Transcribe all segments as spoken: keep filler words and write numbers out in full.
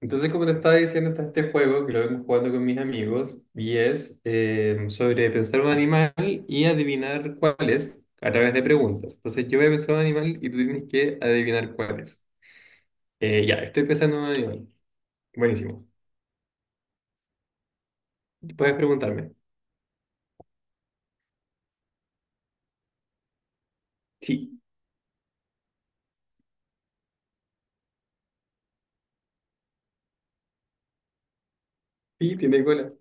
Entonces, como te estaba diciendo, está este juego que lo vengo jugando con mis amigos y es eh, sobre pensar un animal y adivinar cuál es a través de preguntas. Entonces, yo voy a pensar un animal y tú tienes que adivinar cuál es. Eh, ya, estoy pensando en un animal. Buenísimo. Puedes preguntarme. Sí. Sí, tiene cola.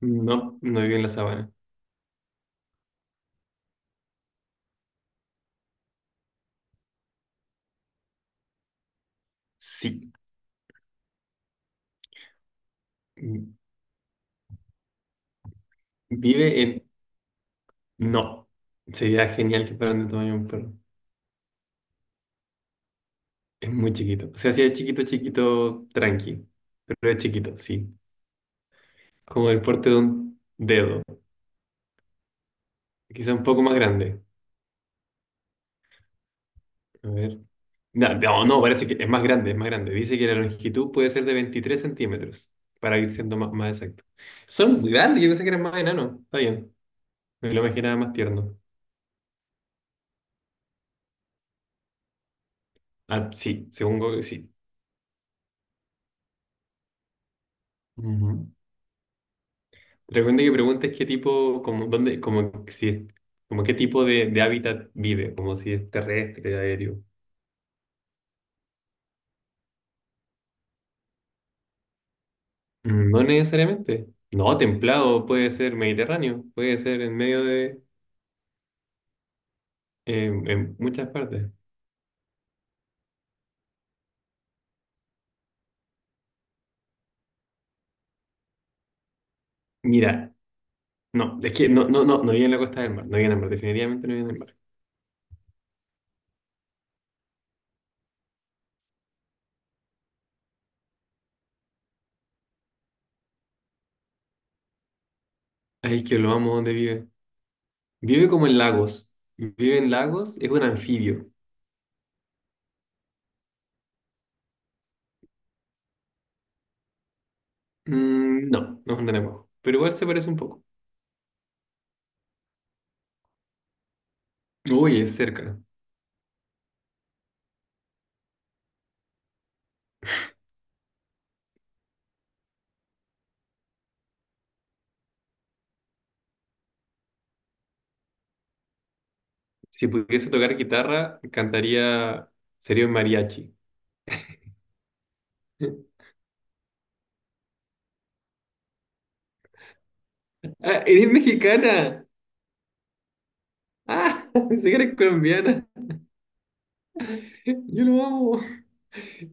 No, no vive en la sabana. Sí. Mm, Vive en... No. Sería genial que fueran del tamaño de un perro. Es muy chiquito. O sea, sí es chiquito, chiquito, tranqui. Pero es chiquito, sí. Como el porte de un dedo. Quizá un poco más grande. A ver. No, no, no, parece que es más grande, es más grande. Dice que la longitud puede ser de veintitrés centímetros, para ir siendo más, más exacto. Son muy grandes, yo pensé que eran más enanos. Está bien, me lo imaginaba más tierno. Ah, sí, según Google, sí. Ujú. Recuerda que preguntes qué tipo, como, dónde, como, si, es- como qué tipo de, de hábitat vive, como si es terrestre, aéreo. Mm, no necesariamente. No, templado, puede ser mediterráneo, puede ser en medio de, en en muchas partes. Mira, no, es que no, no, no, no vive en la costa del mar, no vive en el mar, definitivamente no vive en el mar. Ay, que lo amo, ¿dónde vive? Vive como en lagos. Vive en lagos, es un anfibio. Mm, no, no es un renacuajo, pero igual se parece un poco. Uy, es cerca. Si pudiese tocar guitarra, cantaría, sería un mariachi. Ah, eres mexicana. Ah, pensé que eres colombiana. Yo lo amo.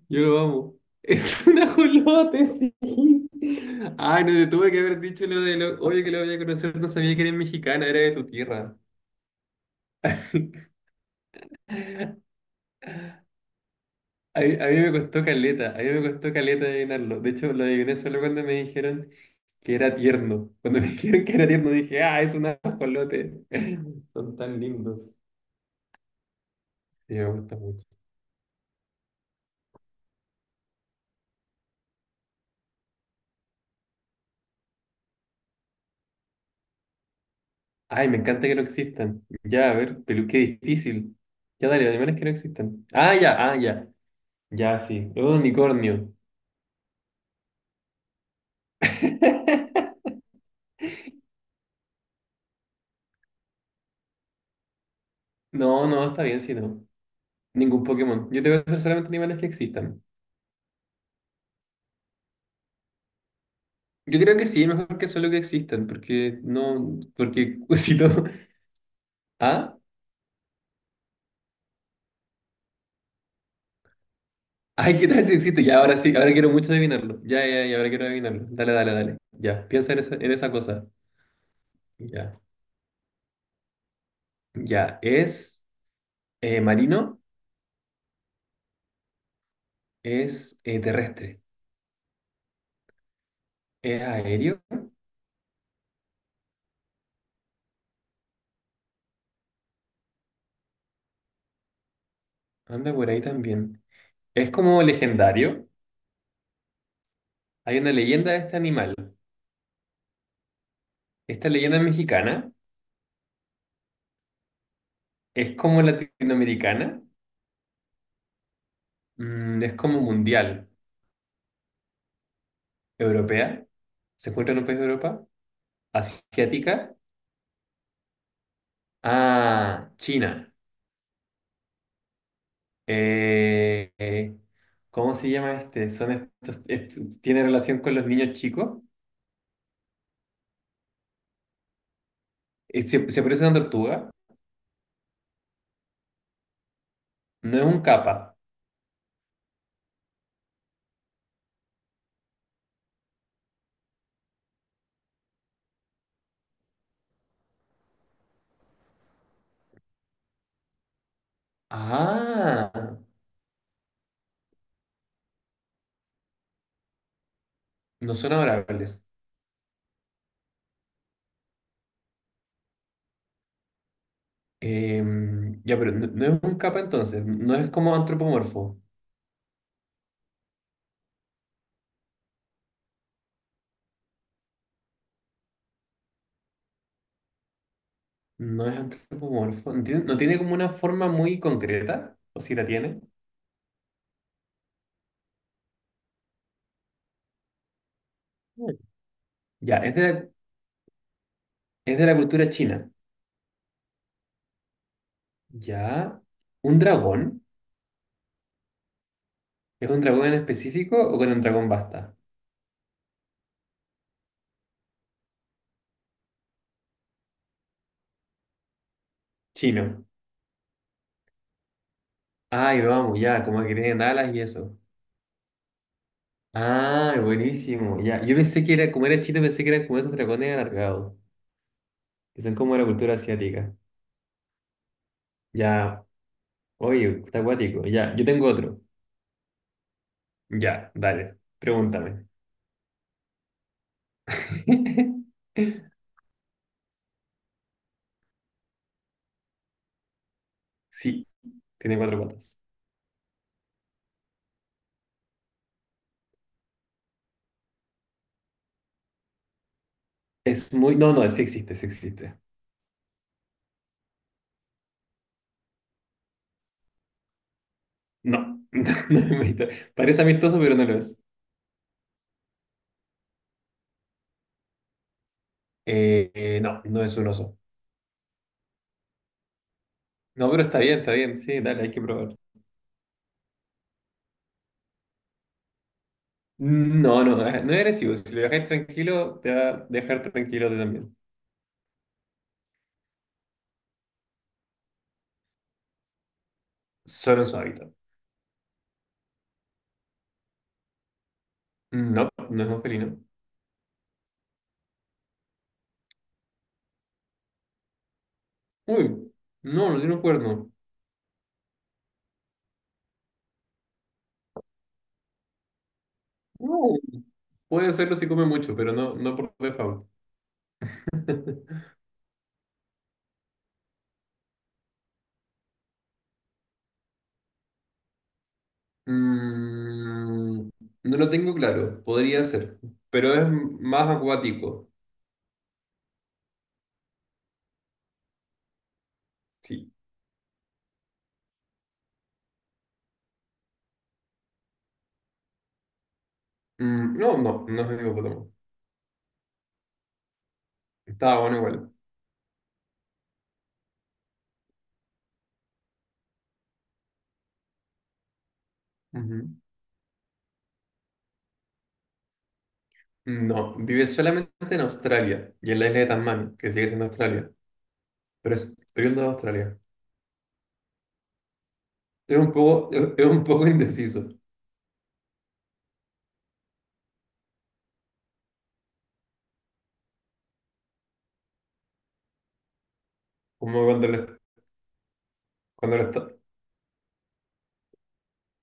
Yo lo amo. Es un ajolote, sí. Ay, no te tuve que haber dicho lo de lo. Oye, que lo voy a conocer, no sabía que eres mexicana, era de tu tierra. A mí, a mí me costó caleta, a mí me costó caleta adivinarlo. De hecho, lo adiviné solo cuando me dijeron que era tierno. Cuando me dijeron que era tierno, dije, ah, es un ajolote. Son tan lindos. Sí, me gusta mucho. Ay, me encanta que no existan. Ya, a ver, pero qué difícil. Ya, dale, animales que no existan. Ah, ya, ah, ya. Ya, sí. Un unicornio. No, no, está bien si no. Ningún Pokémon. Yo te voy a hacer solamente animales que existan. Yo creo que sí, mejor que solo que existan, porque no, porque si no. ¿Ah? Ay, ¿qué tal si existe? Ya, ahora sí, ahora quiero mucho adivinarlo. Ya, ya, ya, ahora quiero adivinarlo. Dale, dale, dale. Ya, piensa en esa, en esa cosa. Ya. Ya, es eh, marino, es eh, terrestre, es aéreo, anda por ahí también. Es como legendario. Hay una leyenda de este animal. Esta leyenda es mexicana. Es como latinoamericana, mm, es como mundial, europea, se encuentra en un país de Europa, asiática, ah, China. Eh, eh, ¿cómo se llama este? Son estos, est- tiene relación con los niños chicos. Eh, Se, se parece a una tortuga, no es un capa. Ah, no son adorables. Em, ya, pero no, no es un capa entonces, no es como antropomorfo. No es antropomorfo. ¿No tiene, no tiene como una forma muy concreta? ¿O si la tiene? Mm. Ya, es de la, es de la cultura china. Ya. ¿Un dragón? ¿Es un dragón en específico o con un dragón basta? Chino. Ay, vamos, ya, como que tienen alas y eso. Ah, buenísimo, ya. Yo pensé que era, como era chino, pensé que eran como esos dragones alargados, que son como de la cultura asiática. Ya, oye, está acuático. Ya, yo tengo otro. Ya, dale, pregúntame. Sí, tiene cuatro patas. Es muy. No, no, sí existe, sí existe. No, no es mito. Parece amistoso, pero no lo es. Eh, eh, no, no es un oso. No, pero está bien, está bien. Sí, dale, hay que probar. No, no, eh, no es agresivo. Si lo dejáis tranquilo, te va a dejar tranquilo a ti también. Solo en su hábitat. No, no es un felino. Uy, no, no tiene un cuerno. No. Puede serlo si come mucho, pero no, no por default. Mm, no lo tengo claro, podría ser, pero es más acuático. Sí. Mm, no, no, no es hipopótamo. Estaba bueno igual. Ujú. No, vive solamente en Australia y en la isla de Tasmania, que sigue siendo Australia, pero es oriundo de Australia. Es un poco, es, es un poco indeciso, como cuando lo, cuando lo esta-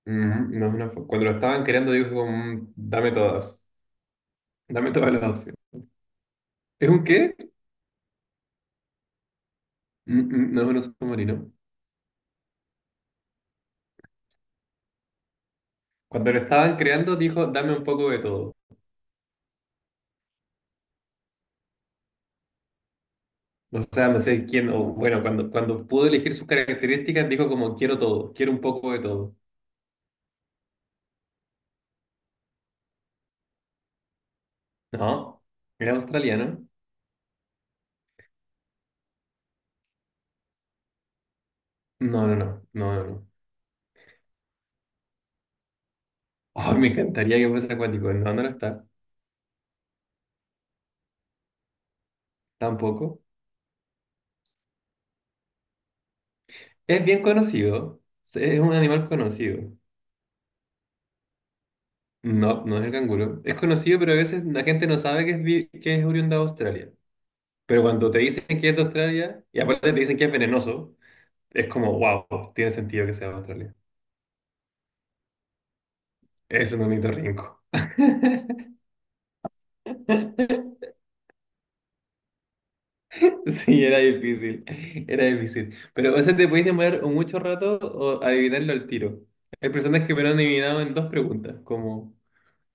Mm, no, es una fo- cuando lo estaban creando dijo como, mm, dame todas, dame todas las opciones. ¿Es un qué? Mm, mm, no es un submarino. Cuando lo estaban creando, dijo, dame un poco de todo. O sea, no sé quién, o bueno, cuando, cuando pudo elegir sus características, dijo como, quiero todo, quiero un poco de todo. ¿No? ¿Era australiano? No, no, no, no, no. no. Ay, me encantaría que fuese acuático. No, no lo está. Tampoco. Es bien conocido. Es un animal conocido. No, no es el canguro. Es conocido, pero a veces la gente no sabe que es, vi- que es oriundo de Australia. Pero cuando te dicen que es de Australia, y aparte te dicen que es venenoso, es como, wow, tiene sentido que sea de Australia. Es un ornitorrinco. Sí, era difícil, era difícil. Pero, o sea, te podéis demorar o mucho rato o adivinarlo al tiro. Hay personas que me lo han adivinado en dos preguntas, como,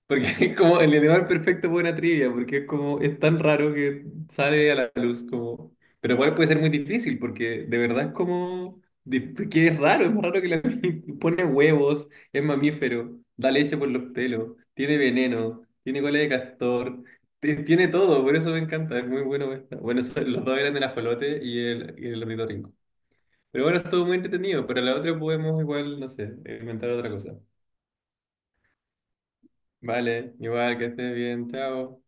porque es como el animal perfecto para una trivia, porque es como, es tan raro que sale a la luz como... Pero igual puede ser muy difícil, porque de verdad es como... dif- Que es raro, es más raro que la... Pone huevos, es mamífero, da leche por los pelos, tiene veneno, tiene cola de castor, ti- tiene todo, por eso me encanta, es muy bueno esta. Bueno, eso- los dos eran el ajolote y el, y el ornitorrinco. Pero bueno, estuvo muy entretenido, pero la otra podemos igual, no sé, inventar otra cosa. Vale, igual que estés bien, chao.